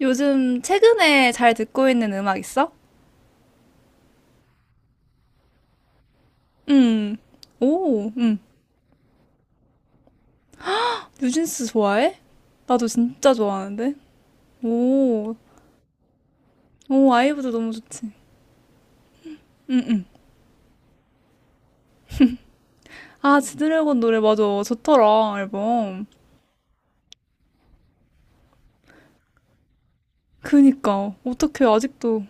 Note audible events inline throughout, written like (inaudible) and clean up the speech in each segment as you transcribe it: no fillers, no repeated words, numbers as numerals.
요즘 최근에 잘 듣고 있는 음악 있어? 음. 오, 뉴진스 좋아해? 나도 진짜 좋아하는데. 오, 오, 아이브도 너무 좋지. 아, 지드래곤 노래 맞아. 좋더라, 앨범. 그니까. 어떻게 아직도.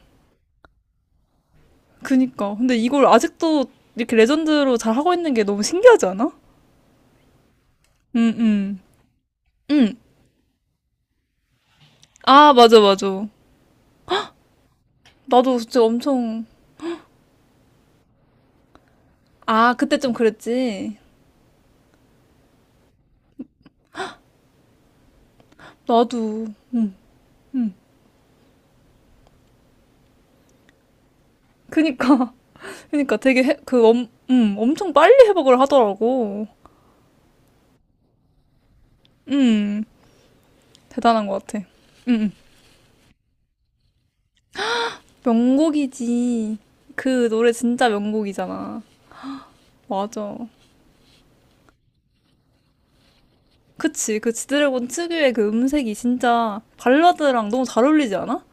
그니까. 근데 이걸 아직도 이렇게 레전드로 잘 하고 있는 게 너무 신기하지 않아? 응, 응. 응. 아, 맞아, 맞아. 나도 진짜 엄청. 아, 그때 좀 그랬지. 나도. 그니까. 그러니까 되게 엄청 빨리 회복을 하더라고. 음, 대단한 것 같아. 음, 음. 명곡이지. 그 노래 진짜 명곡이잖아. 맞아. 그치, 그 지드래곤 특유의 그 음색이 진짜 발라드랑 너무 잘 어울리지 않아?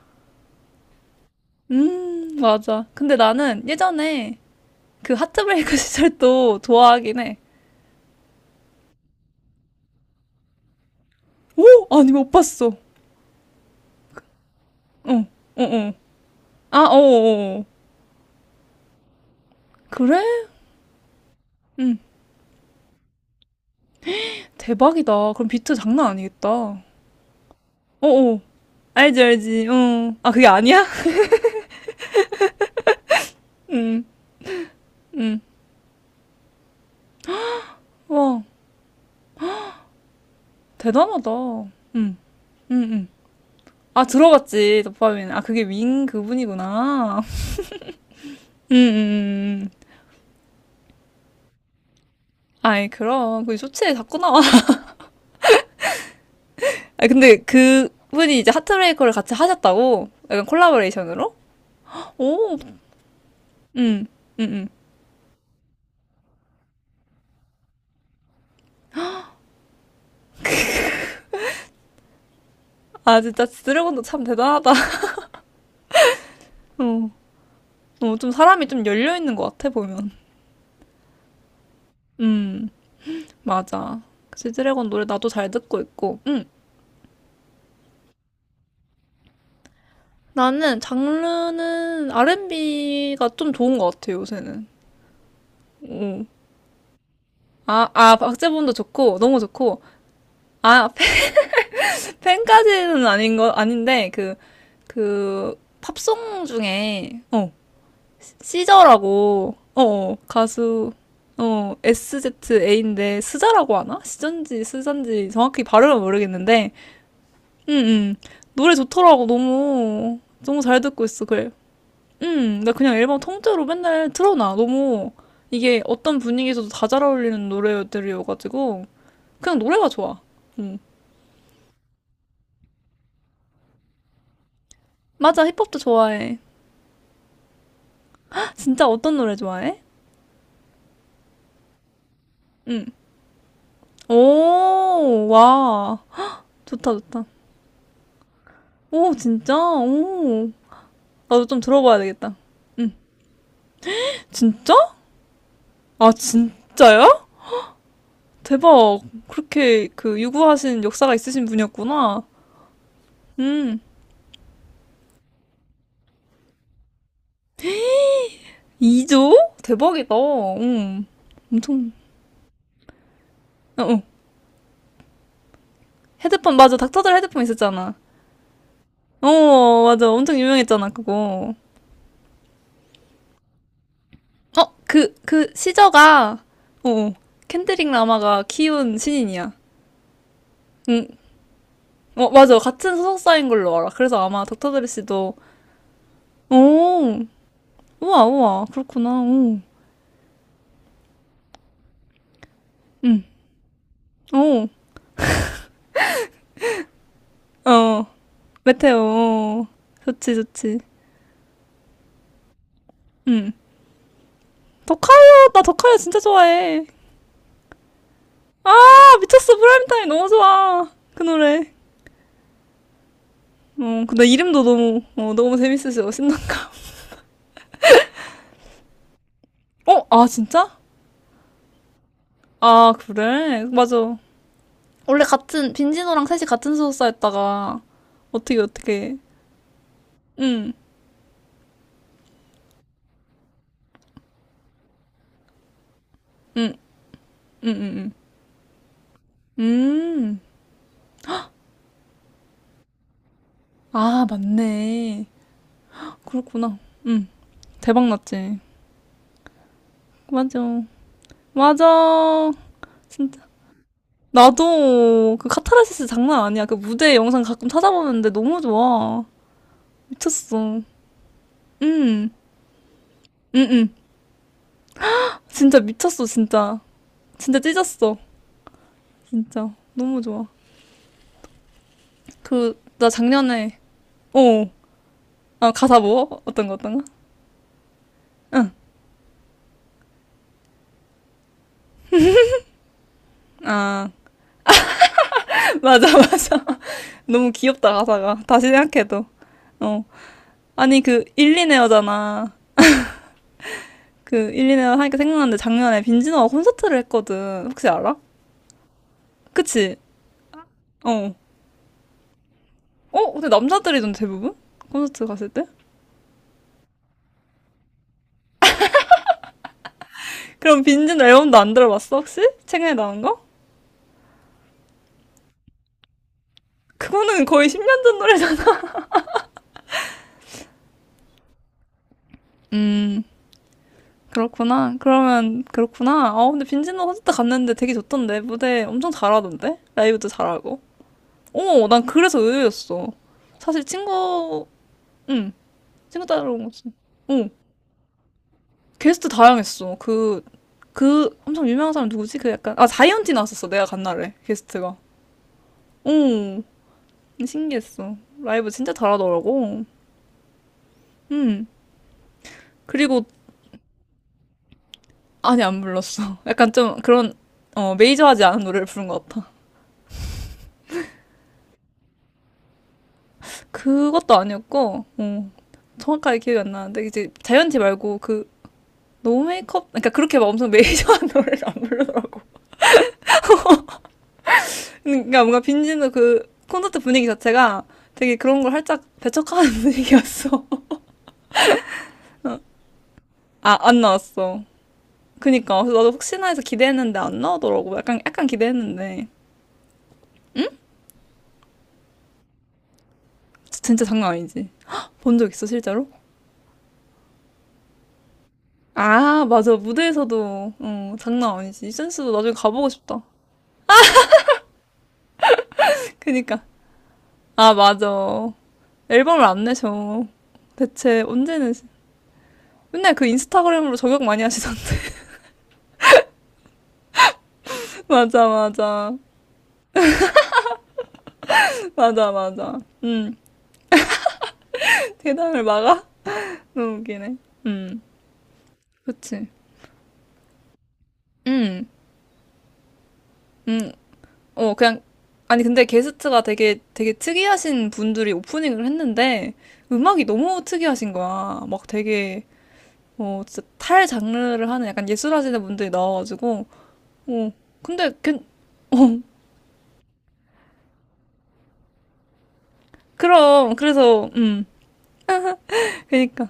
맞아. 근데 나는 예전에 그 하트브레이크 (laughs) 시절도 좋아하긴 해. 오! 아니, 못 봤어. 어, 어, 어. 아, 어, 어, 어. 그래? 응. 대박이다. 그럼 비트 장난 아니겠다. 어어. 알지, 알지. 어. 아, 그게 아니야? (laughs) 와, 대단하다. 응, 응, 응. 아, 들어봤지, 도파민. 아, 그게 윙 그분이구나. (laughs) 응, 응, 응. 응. 아이, 그럼. 그 쇼츠에 자꾸 나와. (laughs) 아, 근데 그 분이 이제 하트브레이커를 같이 하셨다고? 약간 콜라보레이션으로? 오, 응, 응, 응. 아, 진짜 드래곤도 참 대단하다. (laughs) 어, 어, 좀 사람이 좀 열려있는 것 같아, 보면. 음, 맞아. 그치, 드래곤 노래 나도 잘 듣고 있고. 응. 나는 장르는 R&B가 좀 좋은 것 같아요, 요새는. 음. 아, 아, 박재범도 좋고, 너무 좋고, 아, 팬, 팬까지는 아닌 거, 아닌데, 팝송 중에, 시저라고, 가수, SZA인데, 스자라고 하나? 시전지, 스잔지, 정확히 발음은 모르겠는데, 응, 응. 음. 노래 좋더라고, 너무. 너무 잘 듣고 있어. 그래. 나 그냥 앨범 통째로 맨날 틀어놔. 너무 이게 어떤 분위기에서도 다 잘 어울리는 노래들이어가지고 그냥 노래가 좋아. 음. 맞아, 힙합도 좋아해. (gasps) (laughs) 진짜 어떤 노래 좋아해? 응 오, 와. 좋다, 좋다. 오, 진짜? 오. 나도 좀 들어봐야 되겠다. 응 진짜? 아, 진짜요? 대박. 그렇게 그 유구하신 역사가 있으신 분이었구나. 음. 이조 대박이다. 음. 엄청 어, 어. 헤드폰 맞아, 닥터들 헤드폰 있었잖아. 어 맞아, 엄청 유명했잖아 그거. 어 그 시저가 어 어. 캔드릭 라마가 키운 신인이야. 응. 어 맞아, 같은 소속사인 걸로 알아. 그래서 아마 닥터들 씨도 오 우와 우와 그렇구나. 오. 응. 오. 어 메테오. 어. 좋지 좋지. 응. 더카이야, 나 더카이야 진짜 좋아해. 아 미쳤어, 프라임타임 너무 좋아 그 노래. 근데 이름도 너무 너무 재밌으셔, 신난가. 어? 아, 진짜? 아, 그래? 맞아. 원래 같은, 빈진호랑 셋이 같은 소속사였다가, 어떻게, 어떻게. 응, 응, 응, 응, 응. 응. 음. 아, 맞네. 그렇구나. 응. 대박 났지. 맞아. 맞아. 진짜. 나도 그 카타르시스 장난 아니야. 그 무대 영상 가끔 찾아보는데 너무 좋아. 미쳤어. 응, 응, 응. 진짜 미쳤어, 진짜. 진짜 찢었어. 진짜. 너무 좋아. 그, 나 작년에, 어, 아, 가사 뭐? 어떤 거, 어떤 거? 응, 아, (laughs) 맞아, 맞아. (laughs) 너무 귀엽다, 가사가. 다시 생각해도. 어. 아니, 그, 일리네어잖아. 그, 일리네어 하니까 생각났는데 작년에 빈지노가 콘서트를 했거든. 혹시 알아? 그치? 어. 어? 근데 남자들이던 대부분? 콘서트 갔을 때? 그럼 빈지노 앨범도 안 들어봤어, 혹시? 최근에 나온 거? 그거는 거의 10년 전 노래잖아. 음. 그렇구나. 그러면 그렇구나. 아 근데 빈지노 콘서트 갔는데 되게 좋던데, 무대 엄청 잘하던데, 라이브도 잘하고. 어 난 그래서 의외였어. 사실 친구 응 친구 따라온 거지. 어 게스트 다양했어. 그 엄청 유명한 사람 누구지? 그 약간 아 자이언티 나왔었어, 내가 간 날에 게스트가. 어 신기했어. 라이브 진짜 잘하더라고. 응 그리고 아니 안 불렀어. (laughs) 약간 좀 그런 어 메이저하지 않은 노래를 부른 것 같아. 그것도 아니었고, 어, 정확하게 기억이 안 나는데, 이제 자이언티 말고 그, 노 메이크업, 그러니까 그렇게 막 엄청 메이저한 (laughs) 노래를 안 부르더라고. 그러니까 뭔가 빈지노 그 콘서트 분위기 자체가 되게 그런 걸 살짝 배척하는 분위기였어. (laughs) 아, 안 나왔어. 그니까. 그래서 나도 혹시나 해서 기대했는데 안 나오더라고. 약간, 약간 기대했는데. 진- 짜 장난 아니지. 본 적 있어, 실제로? 아, 맞아. 무대에서도, 어, 장난 아니지. 이 센스도 나중에 가보고 싶다. (laughs) 그니까. 아, 맞아. 앨범을 안 내셔. 대체 언제는 맨날 그 인스타그램으로 저격 많이 하시던데. (laughs) 맞아, 맞아. (laughs) 맞아, 맞아. 음. 대담을 막아? (laughs) 너무 웃기네. 음. 그치. 음. 음. 어, 그냥 아니 근데 게스트가 되게 되게 특이하신 분들이 오프닝을 했는데 음악이 너무 특이하신 거야. 막 되게 어 진짜 탈 장르를 하는 약간 예술하시는 분들이 나와가지고 어 근데 괜 어, 그럼 그래서 그러니까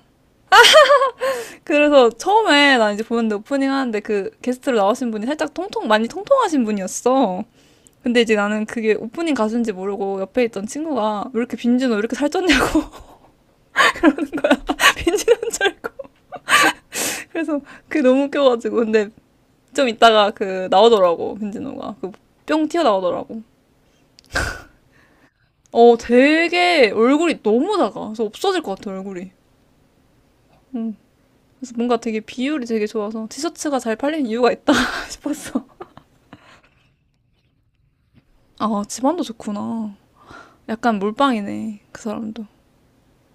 그래서 처음에 나 이제 보는데, 오프닝 하는데 그 게스트로 나오신 분이 살짝 통통 많이 통통하신 분이었어. 근데 이제 나는 그게 오프닝 가수인지 모르고 옆에 있던 친구가 왜 이렇게 빈지노 왜 이렇게 살쪘냐고 (laughs) 빈지노인 줄 알고 그래서 그게 너무 웃겨가지고, 근데 좀 이따가 그 나오더라고, 빈지노가 그 뿅 튀어나오더라고. 어 되게 얼굴이 너무 작아. 그래서 없어질 것 같아, 얼굴이. 음. 그래서 뭔가 되게 비율이 되게 좋아서 티셔츠가 잘 팔리는 이유가 있다 (laughs) 싶었어. 아, 집안도 좋구나. 약간 몰빵이네, 그 사람도.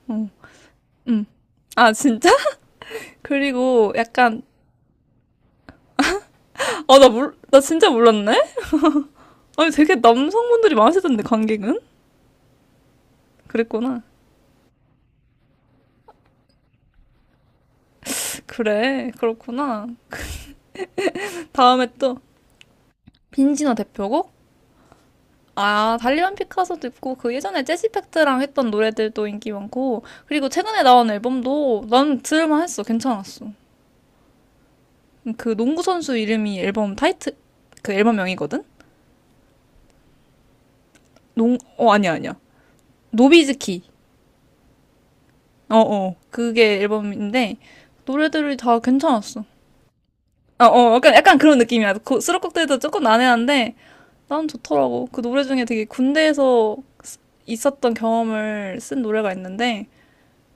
어, 응. 아, 진짜? (laughs) 그리고 약간, 아, 나 몰, 나 진짜 몰랐네? 아니, 되게 남성분들이 많으시던데, 관객은? 그랬구나. 그래, 그렇구나. 다음에 또, 빈지노 대표곡? 아, 달리반 피카소도 있고, 그 예전에 재즈팩트랑 했던 노래들도 인기 많고, 그리고 최근에 나온 앨범도 난 들을만 했어. 괜찮았어. 그 농구 선수 이름이 앨범 타이틀, 그 앨범명이거든? 아니야, 아니야. 노비즈키. 어어. 그게 앨범인데 노래들이 다 괜찮았어. 어어. 약간 약간 그런 느낌이야. 그 수록곡들도 조금 난해한데 난 좋더라고. 그 노래 중에 되게 군대에서 있었던 경험을 쓴 노래가 있는데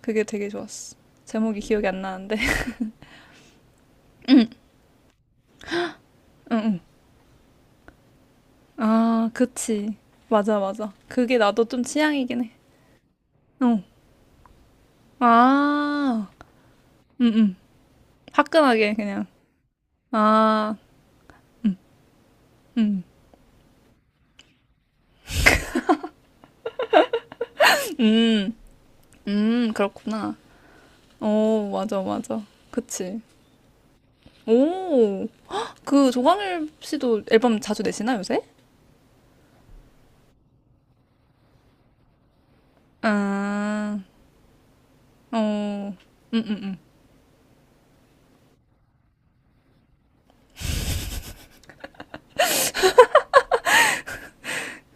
그게 되게 좋았어. 제목이 기억이 안 나는데. (laughs) 응. 응. 아, 그치. 맞아, 맞아. 그게 나도 좀 취향이긴 해. 어. 아. 응, 응. 화끈하게 그냥. 아. 응 음. 그렇구나. 어, 맞아, 맞아. 그치. 오, 그 조광일 씨도 앨범 자주 내시나, 요새? 아, 어, 음, 음, 음.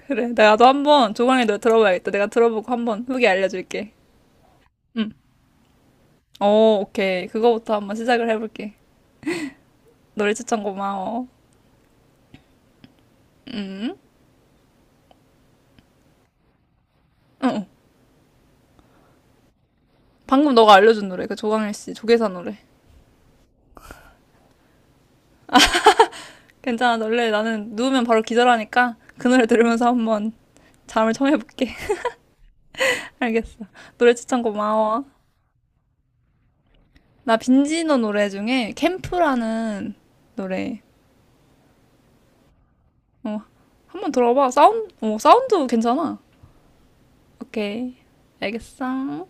그래. 나도 한번 조광일 노래 들어봐야겠다. 내가 들어보고 한번 후기 알려줄게. 응. 어, 오케이. 그거부터 한번 시작을 해볼게. 노래 추천 고마워. 응응. 어, 어. 방금 너가 알려준 노래, 그 조광일 씨 조계사 노래. 괜찮아, 원래 나는 누우면 바로 기절하니까 그 노래 들으면서 한번 잠을 청해볼게. (laughs) 알겠어. 노래 추천 고마워. 나 빈지노 노래 중에 캠프라는 노래. 어, 한번 들어봐. 사운드, 어, 사운드 괜찮아. 오케이. 알겠어.